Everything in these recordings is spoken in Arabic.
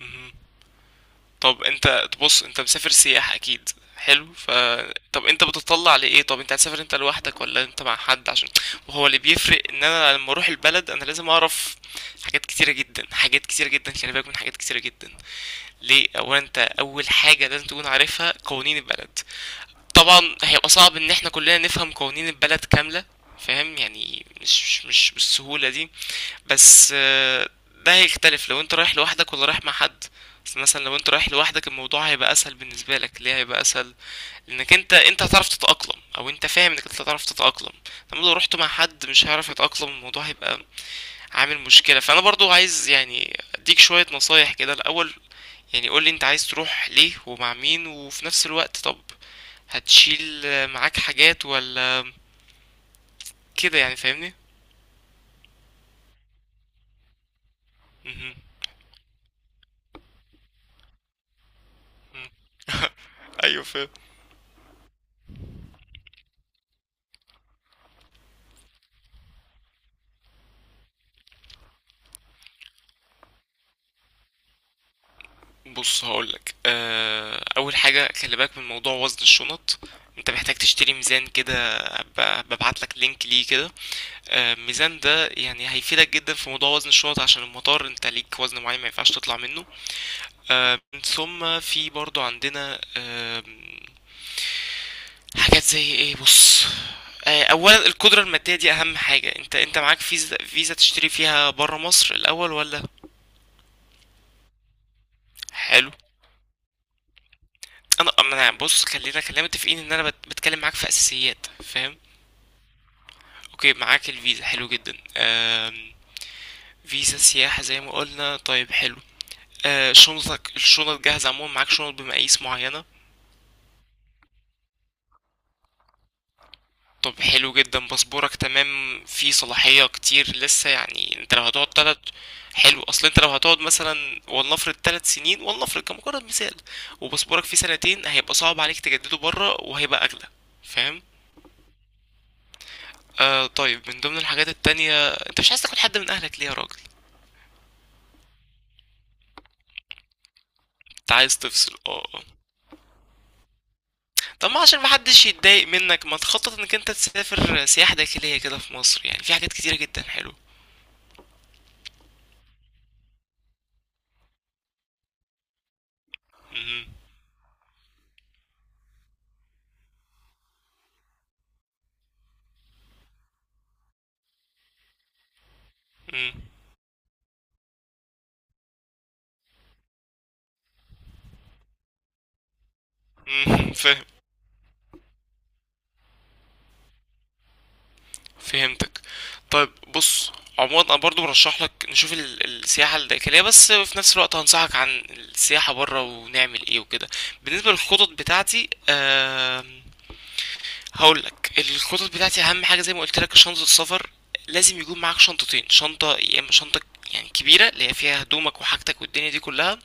مهم. طب انت بص، انت مسافر سياح اكيد. حلو. طب انت بتطلع لايه؟ طب انت هتسافر انت لوحدك ولا انت مع حد؟ عشان وهو اللي بيفرق ان انا لما اروح البلد انا لازم اعرف حاجات كتيره جدا، حاجات كتيره جدا، خلي بالك من حاجات كتيره جدا. ليه؟ اولا انت اول حاجه لازم تكون عارفها قوانين البلد. طبعا هيبقى صعب ان احنا كلنا نفهم قوانين البلد كامله، فاهم؟ يعني مش بالسهوله دي. بس ده هيختلف لو انت رايح لوحدك ولا رايح مع حد. بس مثلا لو انت رايح لوحدك الموضوع هيبقى اسهل بالنسبه لك. ليه هيبقى اسهل؟ لانك انت هتعرف تتاقلم، او انت فاهم انك انت هتعرف تتاقلم. لما لو رحت مع حد مش هيعرف يتاقلم الموضوع هيبقى عامل مشكله. فانا برضو عايز يعني اديك شويه نصايح كده الاول. يعني قول لي انت عايز تروح ليه ومع مين، وفي نفس الوقت طب هتشيل معاك حاجات ولا كده، يعني فاهمني؟ مهم. مم. ايوه فاهم. بص هقولك اول حاجه خلي بالك من موضوع وزن الشنط. انت محتاج تشتري ميزان كده، ببعتلك لينك ليه كده. الميزان ده يعني هيفيدك جدا في موضوع وزن الشنط عشان المطار، انت ليك وزن معين ما ينفعش تطلع منه. من ثم في برضو عندنا حاجات زي ايه. بص اولا القدره الماديه دي اهم حاجه. انت معاك فيزا؟ فيزا تشتري فيها بره مصر الاول ولا؟ حلو. انا ما انا بص، خلينا متفقين ان انا بتكلم معاك في اساسيات، فاهم؟ اوكي، معاك الفيزا، حلو جدا. فيزا سياحة زي ما قلنا، طيب حلو. شنطك، الشنط جاهزة عموما، معاك شنط بمقاييس معينة. طب حلو جدا. باسبورك تمام، فيه صلاحية كتير لسه؟ يعني انت لو هتقعد تلت... حلو. اصل انت لو هتقعد مثلا ولنفرض تلت سنين، ولنفرض كمجرد مثال، وباسبورك فيه سنتين، هيبقى صعب عليك تجدده بره وهيبقى اغلى، فاهم؟ طيب من ضمن الحاجات التانية، انت مش عايز تاخد حد من اهلك ليه يا راجل؟ انت عايز تفصل، اه اه. طب ما عشان محدش يتضايق منك، ما تخطط انك انت تسافر سياحة داخلية كده في مصر؟ يعني في حاجات كتيرة جدا حلوة. مهم. مهم. مهم. فاهم. فهمتك. طيب بص، عموما انا برضو برشح لك نشوف السياحة الداخلية، بس في نفس الوقت هنصحك عن السياحة برا ونعمل ايه وكده. بالنسبة للخطط بتاعتي، هقول لك الخطط بتاعتي اهم حاجه، زي ما قلت لك، شنطه السفر. لازم يكون معاك شنطتين، شنطه يا اما شنطه يعني كبيره اللي هي فيها هدومك وحاجتك والدنيا دي كلها.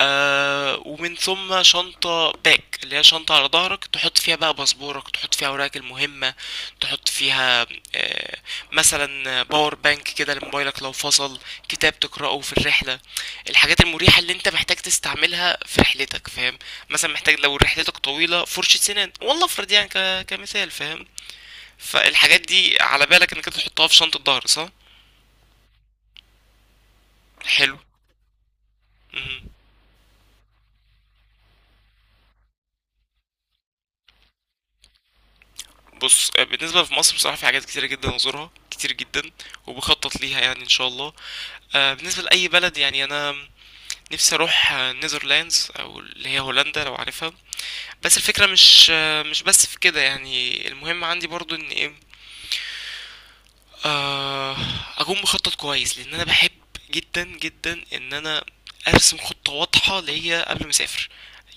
ومن ثم شنطة باك اللي هي شنطة على ظهرك، تحط فيها بقى باسبورك، تحط فيها أوراقك المهمة، تحط فيها آه مثلا باور بانك كده لموبايلك لو فصل، كتاب تقرأه في الرحلة، الحاجات المريحة اللي انت محتاج تستعملها في رحلتك، فاهم؟ مثلا محتاج لو رحلتك طويلة فرشة سنان، والله افرض يعني كمثال، فاهم؟ فالحاجات دي على بالك انك انت تحطها في شنطة ظهر، صح؟ حلو. مهم. بص بالنسبة في مصر بصراحة في حاجات كتيرة جدا أزورها كتير جدا وبخطط ليها يعني إن شاء الله. بالنسبة لأي بلد، يعني أنا نفسي أروح نيذرلاندز، أو اللي هي هولندا لو عارفها. بس الفكرة مش مش بس في كده، يعني المهم عندي برضو إن إيه، آه، أكون مخطط كويس. لأن أنا بحب جدا جدا إن أنا أرسم خطة واضحة ليا قبل ما أسافر.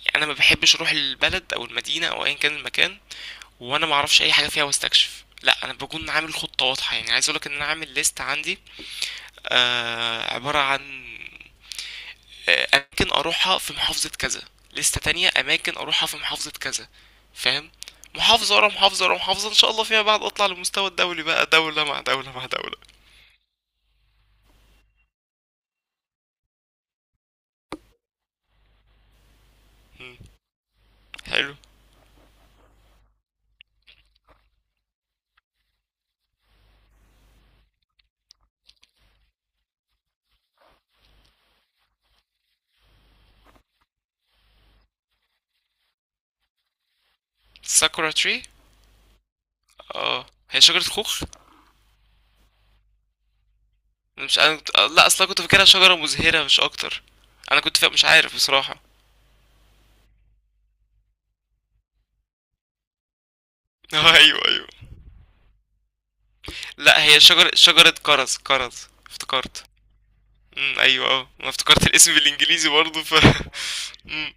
يعني أنا ما بحبش أروح البلد أو المدينة أو أيا كان المكان وانا ما اعرفش اي حاجه فيها واستكشف، لا انا بكون عامل خطه واضحه. يعني عايز اقولك ان انا عامل ليست عندي عباره عن اماكن اروحها في محافظه كذا، ليستة تانية اماكن اروحها في محافظه كذا، فاهم؟ محافظه ورا محافظه ورا محافظه، ان شاء الله فيما بعد اطلع للمستوى الدولي بقى، دوله مع دوله مع دوله. مم. حلو. ساكورا تري. اه هي شجره خوخ. انا مش انا كنت... آه، لا اصلا كنت فاكرها شجره مزهره مش اكتر. مش عارف بصراحه. ايوه ايوه. لا هي شجرة شجرة كرز، كرز افتكرت. ايوه اه، انا افتكرت الاسم بالانجليزي برضه ف امم.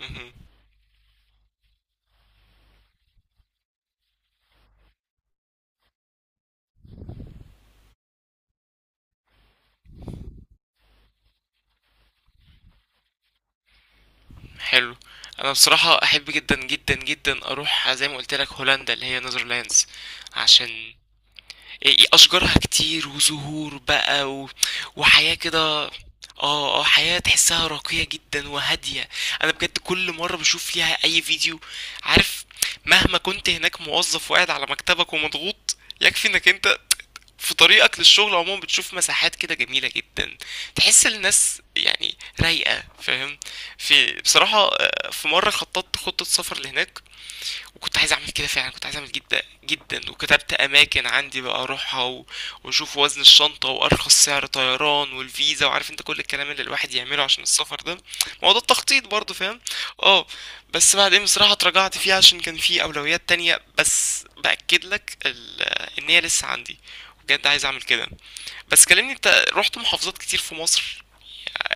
مهم. حلو. انا بصراحة احب جدا جدا جدا اروح زي ما قلت لك هولندا اللي هي نيذرلاندز. عشان إيه- إيه، اشجارها كتير وزهور بقى و... وحياة كده. اه اه، حياة تحسها راقية جدا وهادية. انا بجد كل مرة بشوف فيها اي فيديو، عارف، مهما كنت هناك موظف وقاعد على مكتبك ومضغوط، يكفي انك انت في طريقك للشغل عموما بتشوف مساحات كده جميلة جدا، تحس الناس يعني رايقة، فاهم؟ في بصراحة في مرة خططت خطة سفر لهناك، وكنت عايز اعمل كده فعلا، كنت عايز اعمل جدا جدا، وكتبت اماكن عندي بقى اروحها و... واشوف وزن الشنطه وارخص سعر طيران والفيزا وعارف انت كل الكلام اللي الواحد يعمله عشان السفر ده، موضوع التخطيط برضه، فاهم؟ اه. بس بعدين بصراحه اتراجعت فيه عشان كان في اولويات تانية. بس باكد لك ال... ان هي لسه عندي، بجد عايز اعمل كده. بس كلمني انت، رحت محافظات كتير في مصر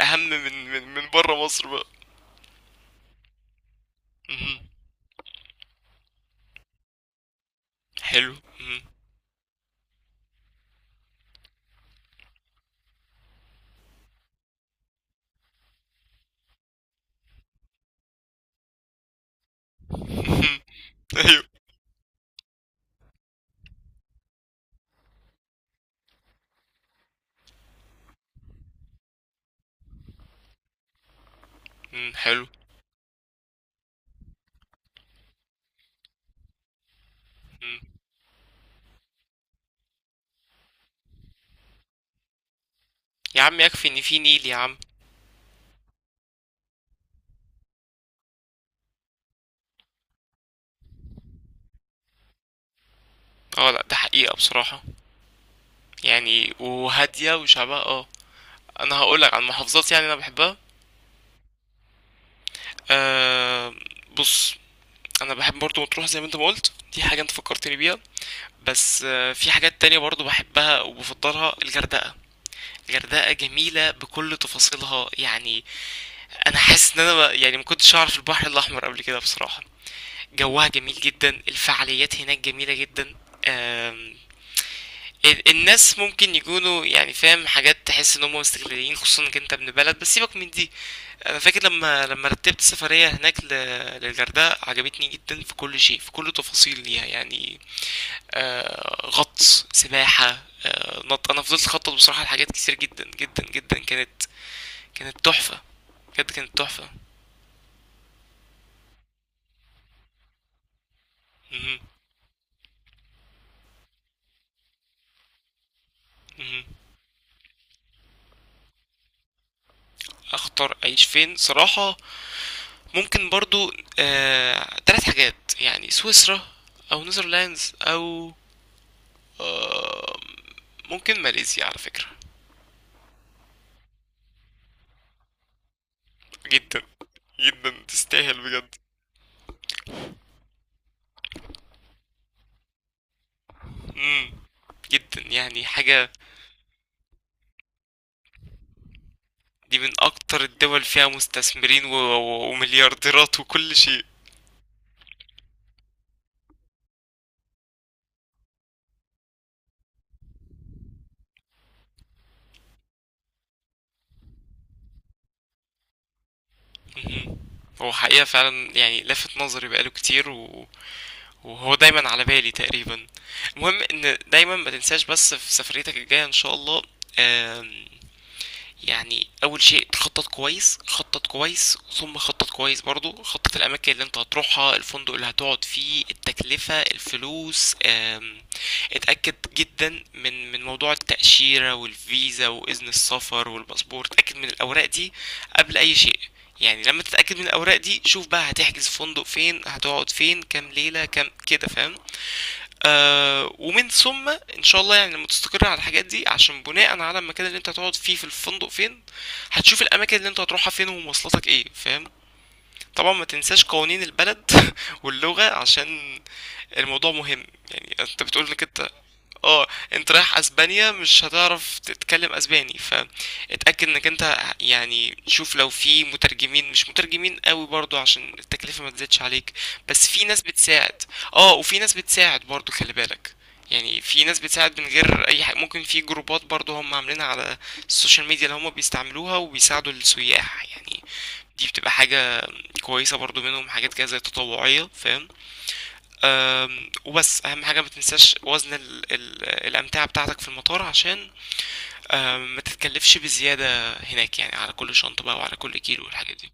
اهم من بره مصر بقى؟ مهم. حلو. مهم. مهم. ايوه. مهم. حلو. يا عم يكفي ان في نيل يا عم. اه لا ده حقيقة بصراحة، يعني وهادية وشعبها، اه. انا هقولك عن محافظات يعني انا بحبها. أه. بص، انا بحب برضو مطروح زي ما انت ما قلت، دي حاجة انت فكرتني بيها. بس في حاجات تانية برضو بحبها وبفضلها، الغردقة. الغردقة جميلة بكل تفاصيلها يعني. انا حاسس ان انا ما- يعني ما كنتش اعرف البحر الاحمر قبل كده بصراحة. جوها جميل جدا، الفعاليات هناك جميلة جدا. آم، الناس ممكن يكونوا يعني فاهم، حاجات تحس ان هم مستغلين، خصوصا انك انت ابن بلد، بس سيبك من دي. انا فاكر لما رتبت سفرية هناك للغردقة، عجبتني جدا في كل شيء، في كل تفاصيل ليها يعني. غطس، سباحة، نط. انا فضلت اخطط بصراحة لحاجات كتير جدا جدا جدا، كانت تحفة، بجد كانت تحفة. مهم. مهم. اختار اعيش فين صراحة؟ ممكن برضو تلات حاجات، يعني سويسرا، او نيذرلاندز، او ممكن ماليزيا على فكرة. جدا جدا تستاهل بجد. مم. جدا يعني حاجة. دي من أكتر الدول فيها مستثمرين و... و... ومليارديرات وكل شيء. مهم. هو حقيقة فعلا يعني لفت نظري بقاله كتير و... وهو دايما على بالي تقريبا. المهم ان دايما ما تنساش بس في سفريتك الجاية ان شاء الله. آم، يعني اول شيء تخطط كويس، خطط كويس، ثم خطط كويس برضو، خطط الاماكن اللي انت هتروحها، الفندق اللي هتقعد فيه، التكلفة، الفلوس، اتاكد جدا من موضوع التاشيرة والفيزا واذن السفر والباسبور، اتاكد من الاوراق دي قبل اي شيء. يعني لما تتاكد من الاوراق دي شوف بقى هتحجز فندق فين، هتقعد فين، كام ليلة كام كده، فاهم؟ ومن ثم ان شاء الله يعني لما تستقر على الحاجات دي، عشان بناء على المكان اللي انت هتقعد فيه في الفندق فين هتشوف الاماكن اللي انت هتروحها فين ومواصلاتك ايه، فاهم؟ طبعا ما تنساش قوانين البلد واللغة، عشان الموضوع مهم. يعني انت بتقول انك انت، اه، انت رايح اسبانيا مش هتعرف تتكلم اسباني، فاتأكد انك انت يعني شوف لو في مترجمين، مش مترجمين قوي برضو عشان التكلفة ما تزيدش عليك. بس في ناس بتساعد. اه وفي ناس بتساعد برضو خلي بالك، يعني في ناس بتساعد من غير اي حاجة، ممكن في جروبات برضو هم عاملينها على السوشيال ميديا اللي هم بيستعملوها وبيساعدوا السياح يعني. دي بتبقى حاجة كويسة برضو، منهم حاجات كده زي تطوعية، فاهم؟ وبس أهم حاجة ما تنساش وزن ال ال الأمتعة بتاعتك في المطار، عشان ما تتكلفش بزيادة هناك يعني، على كل شنطة بقى وعلى كل كيلو والحاجات دي.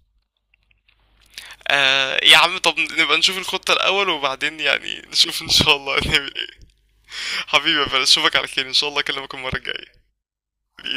يا عم طب نبقى نشوف الخطة الأول وبعدين يعني نشوف إن شاء الله هنعمل إيه. حبيبي يا فارس أشوفك على خير إن شاء الله، أكلمك المرة الجاية بإذن